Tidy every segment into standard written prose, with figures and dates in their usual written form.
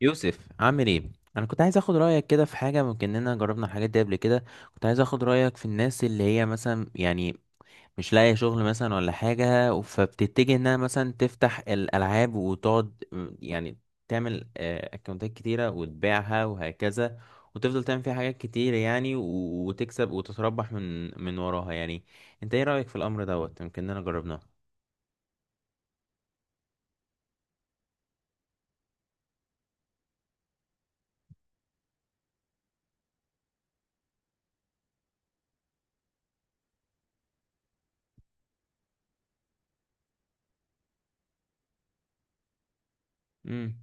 يوسف عامل ايه؟ انا كنت عايز اخد رايك كده في حاجه، ممكن اننا جربنا الحاجات دي قبل كده. كنت عايز اخد رايك في الناس اللي هي مثلا يعني مش لاقيه شغل مثلا ولا حاجه، فبتتجه انها مثلا تفتح الالعاب وتقعد تعمل اكونتات كتيره وتبيعها وهكذا، وتفضل تعمل فيها حاجات كتير يعني وتكسب وتتربح من وراها يعني. انت ايه رايك في الامر دوت؟ يمكن اننا جربناه. امم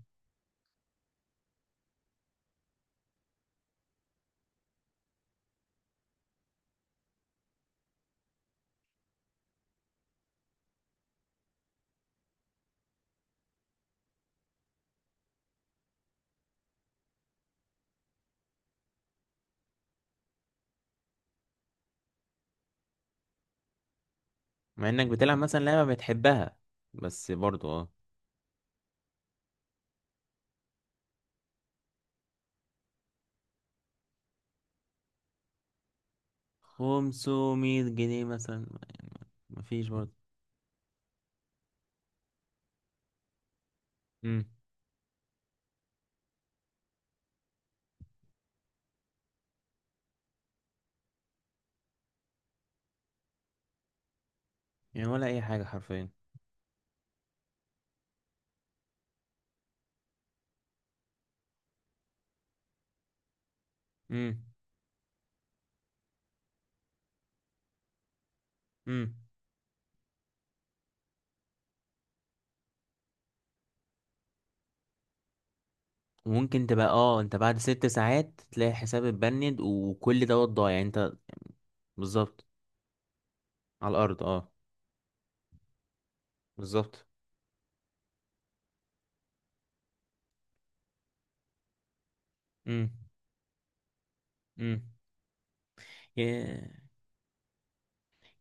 مع انك بتلعب مثلا لعبه بتحبها، بس برضو اه. 500 جنيه مثلا يعني. مفيش برضه. امم. يعني ولا اي حاجه حرفيا. امم. امم. وممكن تبقى اه انت بعد ست ساعات تلاقي حساب اتبند وكل دوت ضايع يعني انت. بالظبط. على الارض اه. بالظبط. امم. امم.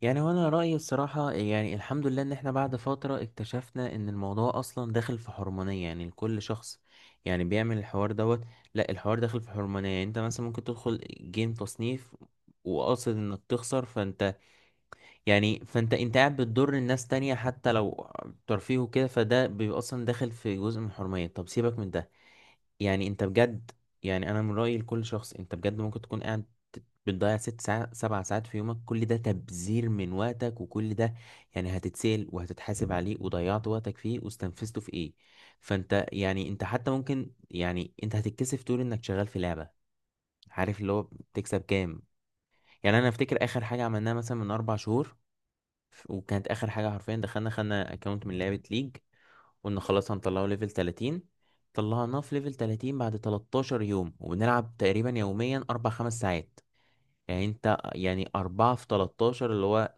يعني وانا رأيي الصراحة يعني الحمد لله ان احنا بعد فترة اكتشفنا ان الموضوع اصلا داخل في حرمانية يعني لكل شخص يعني بيعمل الحوار دوت. لا الحوار داخل في حرمانية، يعني انت مثلا ممكن تدخل جيم تصنيف وقاصد انك تخسر، فانت يعني فانت قاعد بتضر الناس تانية، حتى لو ترفيه وكده فده بيبقى اصلا داخل في جزء من الحرمانية. طب سيبك من ده. يعني انت بجد، يعني انا من رأيي لكل شخص، انت بجد ممكن تكون قاعد بتضيع ست ساعات سبع ساعات في يومك، كل ده تبذير من وقتك، وكل ده يعني هتتسال وهتتحاسب عليه، وضيعت وقتك فيه واستنفذته في ايه. فانت يعني انت حتى ممكن، يعني انت هتتكسف تقول انك شغال في لعبة، عارف اللي هو بتكسب كام. يعني انا افتكر اخر حاجة عملناها مثلا من اربع شهور، وكانت اخر حاجه حرفيا دخلنا خدنا اكونت من لعبه ليج، قلنا خلاص هنطلعه ليفل 30. طلعناه في ليفل 30 بعد 13 يوم، وبنلعب تقريبا يوميا 4 5 ساعات. يعني انت يعني 4 في 13 اللي هو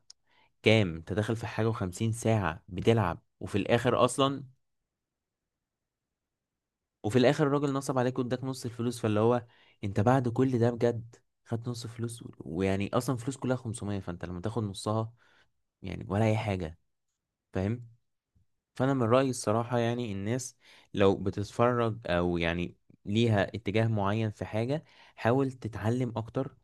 كام، انت داخل في حاجه و50 ساعه بتلعب، وفي الاخر اصلا. وفي الاخر الراجل نصب عليك واداك نص الفلوس، فاللي هو انت بعد كل ده بجد خدت نص فلوس ويعني اصلا فلوس كلها 500، فانت لما تاخد نصها يعني ولا اي حاجه. فاهم. فانا من رايي الصراحه يعني الناس لو بتتفرج او يعني ليها اتجاه معين في حاجه، حاول تتعلم اكتر،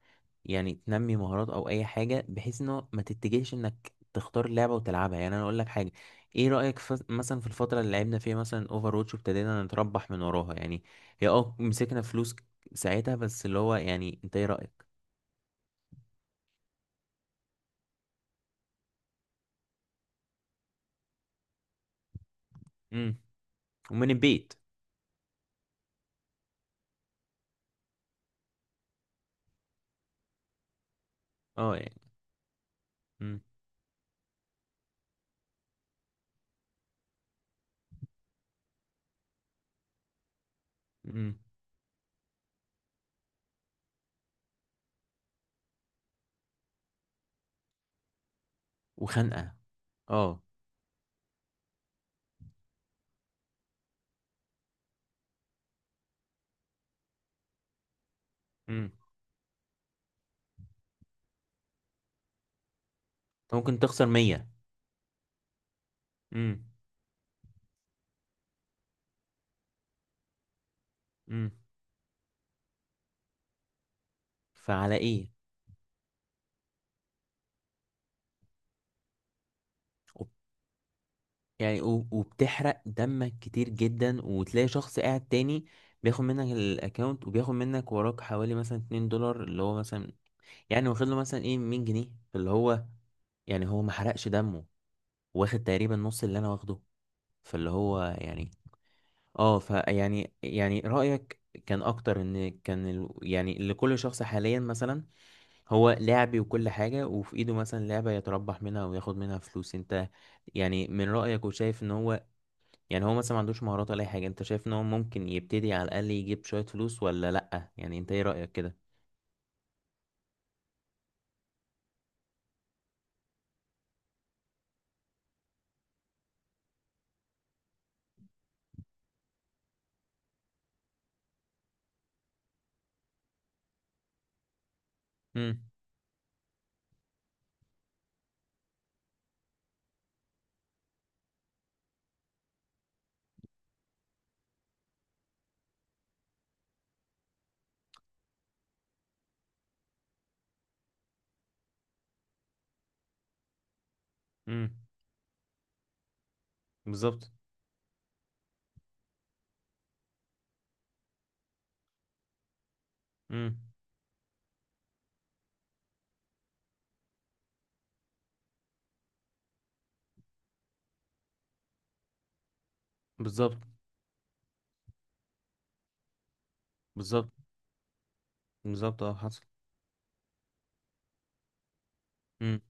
يعني تنمي مهارات او اي حاجه، بحيث انه ما تتجهش انك تختار لعبه وتلعبها. يعني انا اقول لك حاجه، ايه رايك في مثلا في الفتره اللي لعبنا فيها مثلا اوفر واتش وابتدينا نتربح من وراها يعني، هي اه مسكنا فلوس ساعتها، بس اللي هو يعني انت ايه رايك؟ امم. ومن البيت. اه يعني. امم. امم. وخنقه. اه. امم. انت ممكن تخسر 100. امم. امم. فعلى ايه. وب- يعني وبتحرق دمك كتير جدا، وتلاقي شخص قاعد تاني بياخد منك الاكونت، وبياخد منك وراك حوالي مثلا 2 دولار اللي هو مثلا، يعني واخد له مثلا ايه 100 جنيه، فاللي هو يعني هو ما حرقش دمه، واخد تقريبا نص اللي انا واخده، فاللي هو يعني. اه فيعني يعني رأيك كان اكتر، ان كان يعني لكل شخص حاليا مثلا هو لعبي وكل حاجة، وفي ايده مثلا لعبة يتربح منها وياخد منها فلوس، انت يعني من رأيك وشايف ان هو يعني هو مثلا ما عندوش مهارات ولا اي حاجة، انت شايف ان هو ممكن يبتدي على الاقل يجيب شوية فلوس، ولا لأ؟ يعني انت ايه رأيك كده؟ امم. امم. بالظبط. امم. بالظبط. بالظبط. بالظبط اه حصل. امم.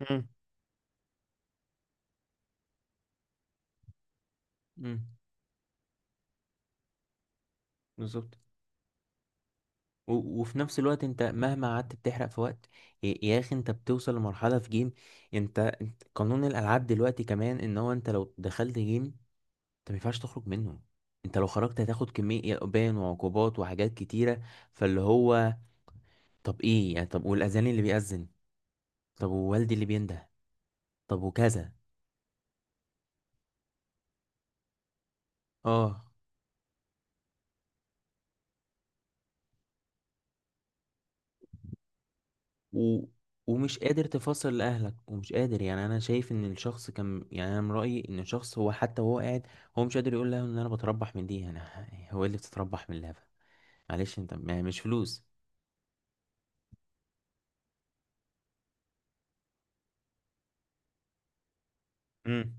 امم. امم. بالظبط. وفي نفس الوقت انت مهما قعدت بتحرق في وقت، يا اخي انت بتوصل لمرحلة في جيم. قانون الالعاب دلوقتي كمان ان هو انت لو دخلت جيم انت ما ينفعش تخرج منه، انت لو خرجت هتاخد كمية بان وعقوبات وحاجات كتيرة. فاللي هو طب ايه يعني، طب والأذان اللي بيأذن، طب ووالدي اللي بينده، طب وكذا. اه. و... ومش قادر تفصل لأهلك، ومش قادر، يعني أنا شايف إن الشخص كان، يعني أنا من رأيي إن الشخص هو حتى وهو قاعد هو مش قادر يقول لهم إن أنا بتربح من دي. أنا هو إيه اللي بتتربح من اللهفة؟ معلش أنت يعني مش فلوس. امم.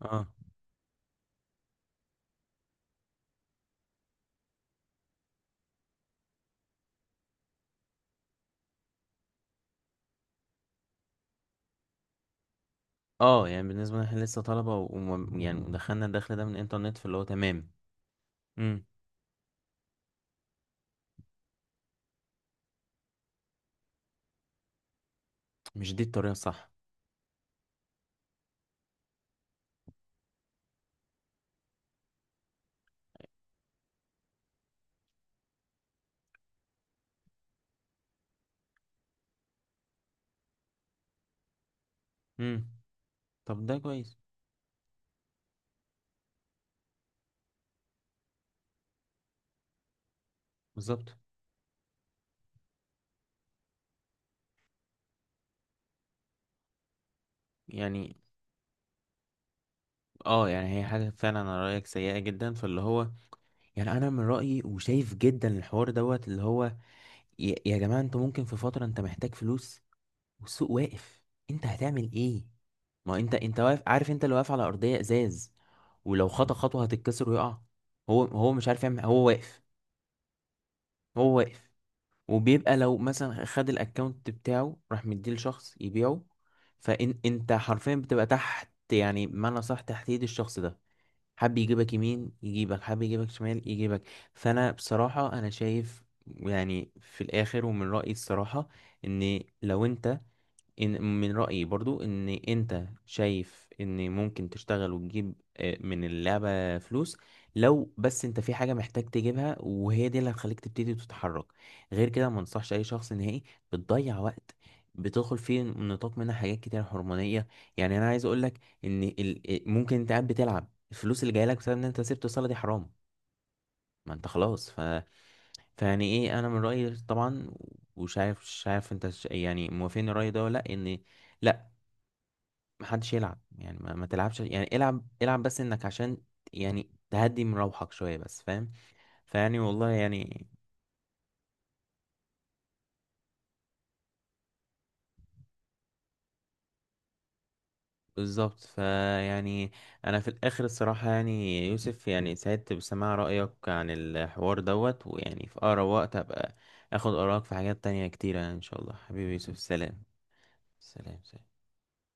اه. اه يعني بالنسبة لنا احنا لسه طلبة يعني دخلنا الدخل ده من الإنترنت، فاللي هو تمام. مم. مش دي الطريقة الصح. امم. طب ده كويس. بالظبط. يعني اه، يعني هي حاجة فعلا على رأيك سيئة جدا، فاللي هو يعني انا من رأيي وشايف جدا الحوار دوت اللي هو يا جماعة انتوا ممكن في فترة انت محتاج فلوس والسوق واقف، انت هتعمل ايه؟ ما هو انت واقف عارف، انت اللي واقف على ارضية ازاز، ولو خطأ خطوة هتتكسر ويقع. هو مش عارف يعمل، هو واقف. هو واقف. وبيبقى لو مثلا خد الاكونت بتاعه راح مديه لشخص يبيعه، فان انت حرفيا بتبقى تحت، يعني بمعنى صح تحت ايد الشخص ده، حب يجيبك يمين يجيبك، حب يجيبك شمال يجيبك. فانا بصراحة انا شايف يعني في الاخر ومن رأيي الصراحة ان لو انت، إن من رأيي برضو إن أنت شايف إن ممكن تشتغل وتجيب من اللعبة فلوس، لو بس أنت في حاجة محتاج تجيبها، وهي دي اللي هتخليك تبتدي تتحرك. غير كده ما انصحش أي شخص نهائي، بتضيع وقت، بتدخل فيه نطاق منها حاجات كتير هرمونية. يعني أنا عايز أقولك إن ممكن أنت قاعد بتلعب الفلوس اللي جايلك بسبب إن أنت سبت الصلاة، دي حرام. ما أنت خلاص فيعني إيه، أنا من رأيي طبعا، ومش عارف مش عارف أنت يعني موافقني الرأي ده ولا لأ، إن محدش يلعب. يعني ما تلعبش، يعني العب العب بس انك عشان يعني تهدي من روحك شوية بس، فاهم؟ فيعني والله يعني. بالظبط. فيعني انا في الاخر الصراحة يعني يوسف، يعني سعدت بسماع رأيك عن الحوار دوت، ويعني في اقرب وقت هبقى اخد آرائك في حاجات تانية كتيرة. يعني ان شاء الله حبيبي يوسف، سلام. سلام. سلام.